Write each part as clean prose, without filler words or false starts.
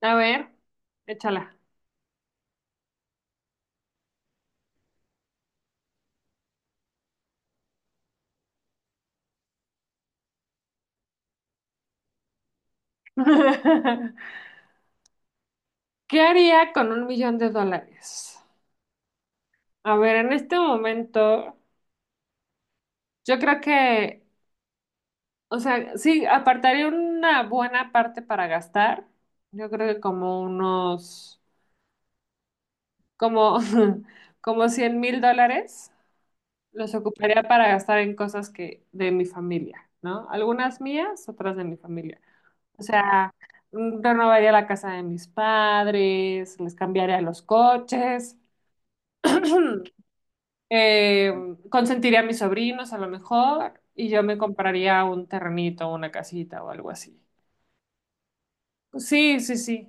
A ver, échala. ¿Qué haría con 1 millón de dólares? A ver, en este momento, yo creo que, o sea, sí, apartaría una buena parte para gastar. Yo creo que como unos, como, como 100 mil dólares los ocuparía para gastar en cosas que de mi familia, ¿no? Algunas mías, otras de mi familia. O sea, renovaría la casa de mis padres, les cambiaría los coches. Eh, consentiría a mis sobrinos a lo mejor y yo me compraría un terrenito, una casita o algo así. Sí, sí, sí.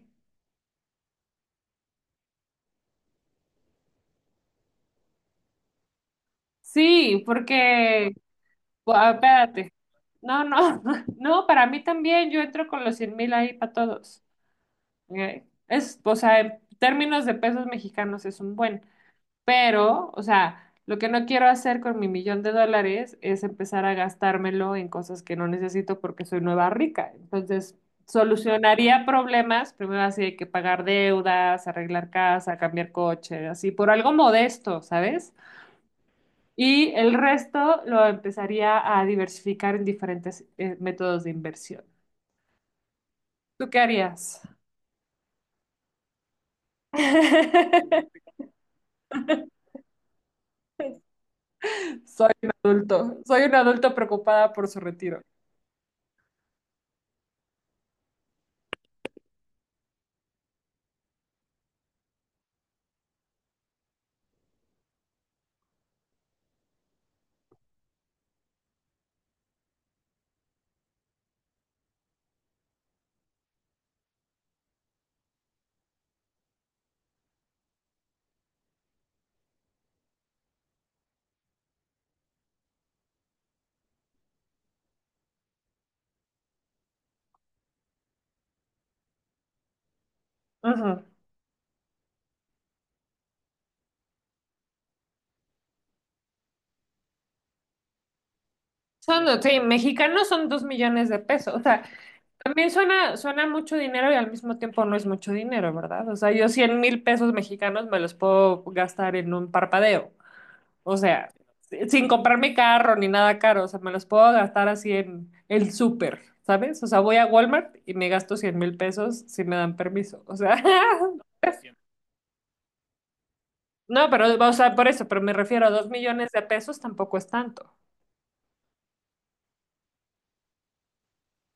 Sí, porque, ah, espérate. No, no, no, para mí también yo entro con los 100 mil ahí para todos. O sea, en términos de pesos mexicanos es un buen. Pero, o sea, lo que no quiero hacer con mi 1 millón de dólares es empezar a gastármelo en cosas que no necesito porque soy nueva rica. Entonces, solucionaría problemas, primero así hay que pagar deudas, arreglar casa, cambiar coche, así por algo modesto, ¿sabes? Y el resto lo empezaría a diversificar en diferentes métodos de inversión. ¿Tú qué harías? Soy un adulto preocupada por su retiro. Ujú. Sí, mexicanos son 2 millones de pesos. O sea, también suena mucho dinero y al mismo tiempo no es mucho dinero, ¿verdad? O sea, yo 100 mil pesos mexicanos me los puedo gastar en un parpadeo. O sea, sin comprarme carro ni nada caro. O sea, me los puedo gastar así en el súper, ¿sabes? O sea, voy a Walmart y me gasto 100 mil pesos si me dan permiso. O sea, no, pero, o sea, por eso, pero me refiero a 2 millones de pesos tampoco es tanto.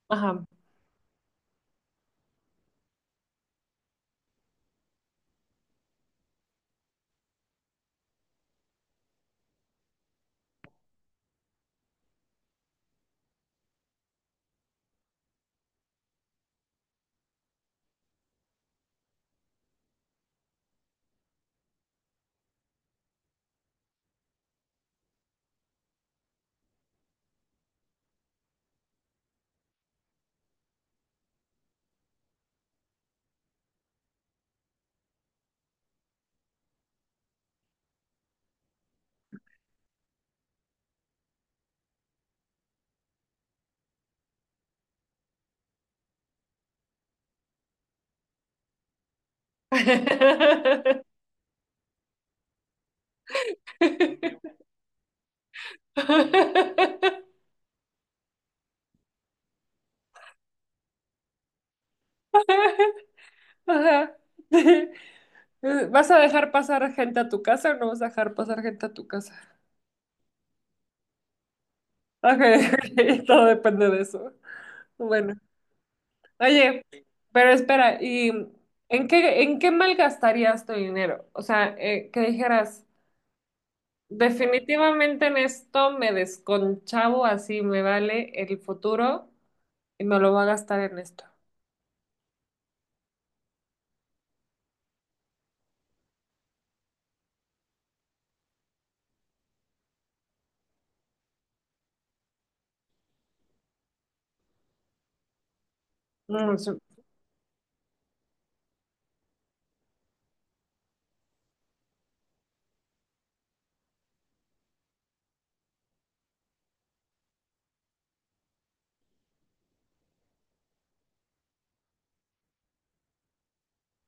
Ajá. Ajá. ¿Vas a dejar pasar gente a tu casa o no vas a dejar pasar gente a tu casa? Ok, ok, todo depende de eso. Bueno, oye, pero espera, ¿y en qué malgastarías tu dinero? O sea, que dijeras, definitivamente en esto me desconchavo, así me vale el futuro y me lo voy a gastar en esto. Mm, sí.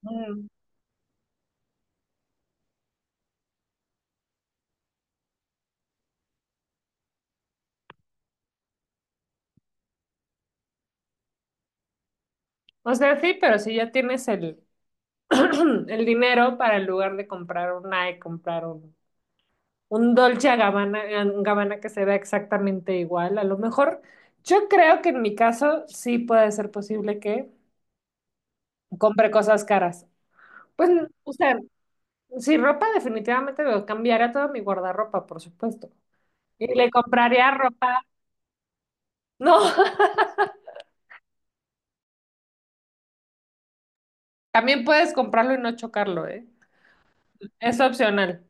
Mm. O sea, sí, pero si ya tienes el, el dinero para en lugar de comprar un Nike, comprar un Dolce and Gabbana que se vea exactamente igual. A lo mejor, yo creo que en mi caso sí puede ser posible que compre cosas caras. Pues, o sea, si ropa definitivamente me cambiaría toda mi guardarropa, por supuesto. Y le compraría ropa. No, también puedes comprarlo y no chocarlo, ¿eh? Es opcional.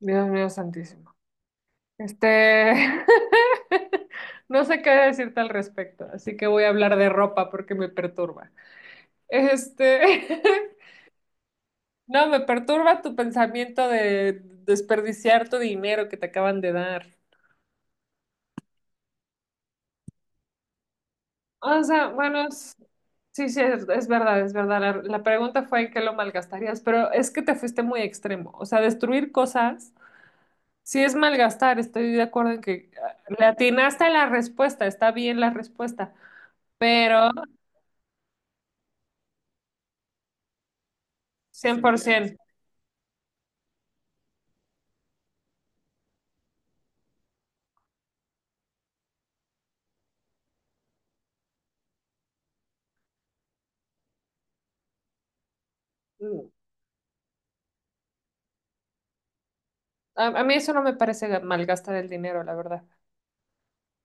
Dios mío santísimo. Este, no sé qué decirte al respecto, así que voy a hablar de ropa porque me perturba. Este, no, me perturba tu pensamiento de desperdiciar tu dinero que te acaban de dar. O sea, bueno, sí, sí, es verdad, es verdad. La pregunta fue en qué lo malgastarías, pero es que te fuiste muy extremo. O sea, destruir cosas, sí es malgastar, estoy de acuerdo en que ah, le atinaste a la respuesta, está bien la respuesta, pero 100%. Mm. A mí eso no me parece malgastar el dinero, la verdad.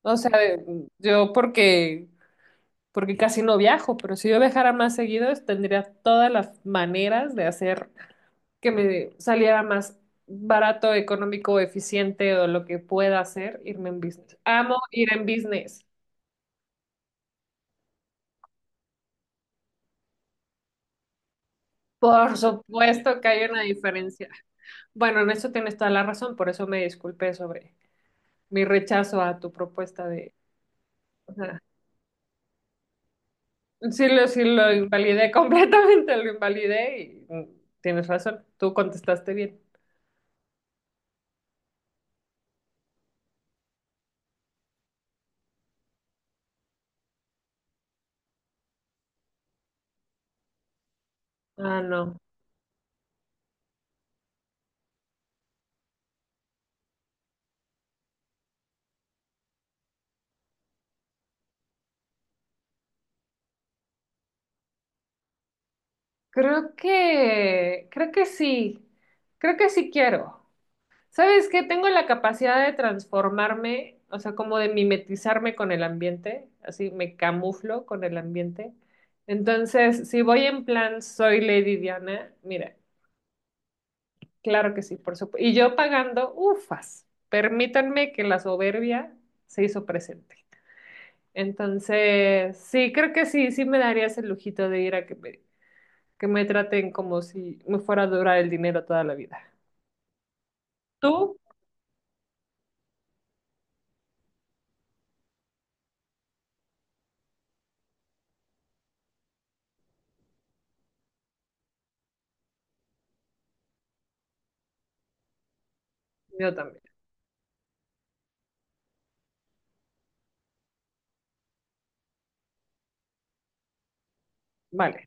O sea, yo porque, casi no viajo, pero si yo viajara más seguido, tendría todas las maneras de hacer que me saliera más barato, económico, eficiente o lo que pueda hacer, irme en business. Amo ir en business. Por supuesto que hay una diferencia. Bueno, en eso tienes toda la razón, por eso me disculpé sobre mi rechazo a tu propuesta de... Sí, lo invalidé completamente, lo invalidé y tienes razón, tú contestaste bien. Ah, no. Creo que, creo que sí, Creo que sí quiero. ¿Sabes qué? Tengo la capacidad de transformarme, o sea, como de mimetizarme con el ambiente, así me camuflo con el ambiente. Entonces, si voy en plan soy Lady Diana, mira, claro que sí, por supuesto. Y yo pagando, ufas, permítanme que la soberbia se hizo presente. Entonces, sí, creo que sí, sí me daría ese lujito de ir a que me traten como si me fuera a durar el dinero toda la vida. ¿Tú? Yo también. Vale.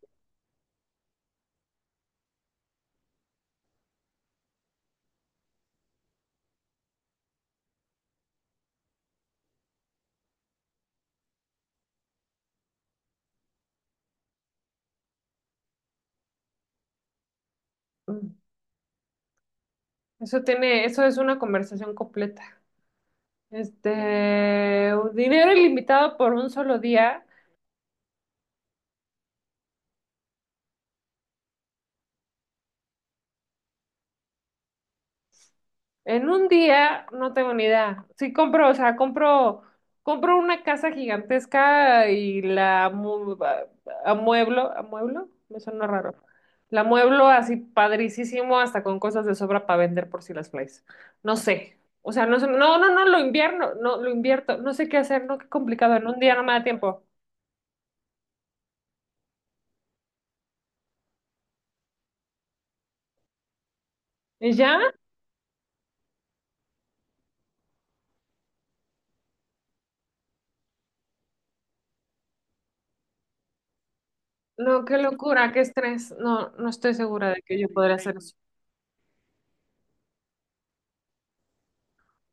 Mm. Eso tiene, eso es una conversación completa. Este, dinero ilimitado por un solo día. En un día, no tengo ni idea. Sí compro, o sea, compro, compro una casa gigantesca y la amueblo, me suena raro. La amueblo así padricísimo, hasta con cosas de sobra para vender por si las flies. No sé. O sea, no, no, no, no, lo invierno, no, lo invierto. No sé qué hacer, no, qué complicado. En un día no me da tiempo. ¿Y ya? No, qué locura, qué estrés. No, no estoy segura de que yo podría hacer eso.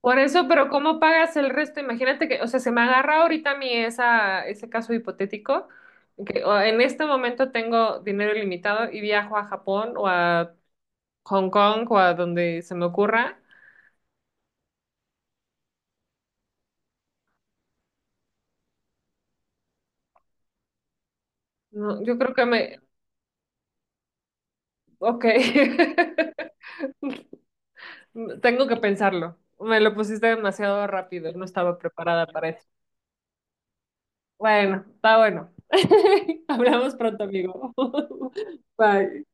Por eso, pero ¿cómo pagas el resto? Imagínate que, o sea, se me agarra ahorita ese caso hipotético, que o, en este momento tengo dinero ilimitado y viajo a Japón o a Hong Kong o a donde se me ocurra. No, yo creo que me... Ok. Tengo que pensarlo. Me lo pusiste demasiado rápido. No estaba preparada para eso. Bueno, está bueno. Hablamos pronto, amigo. Bye.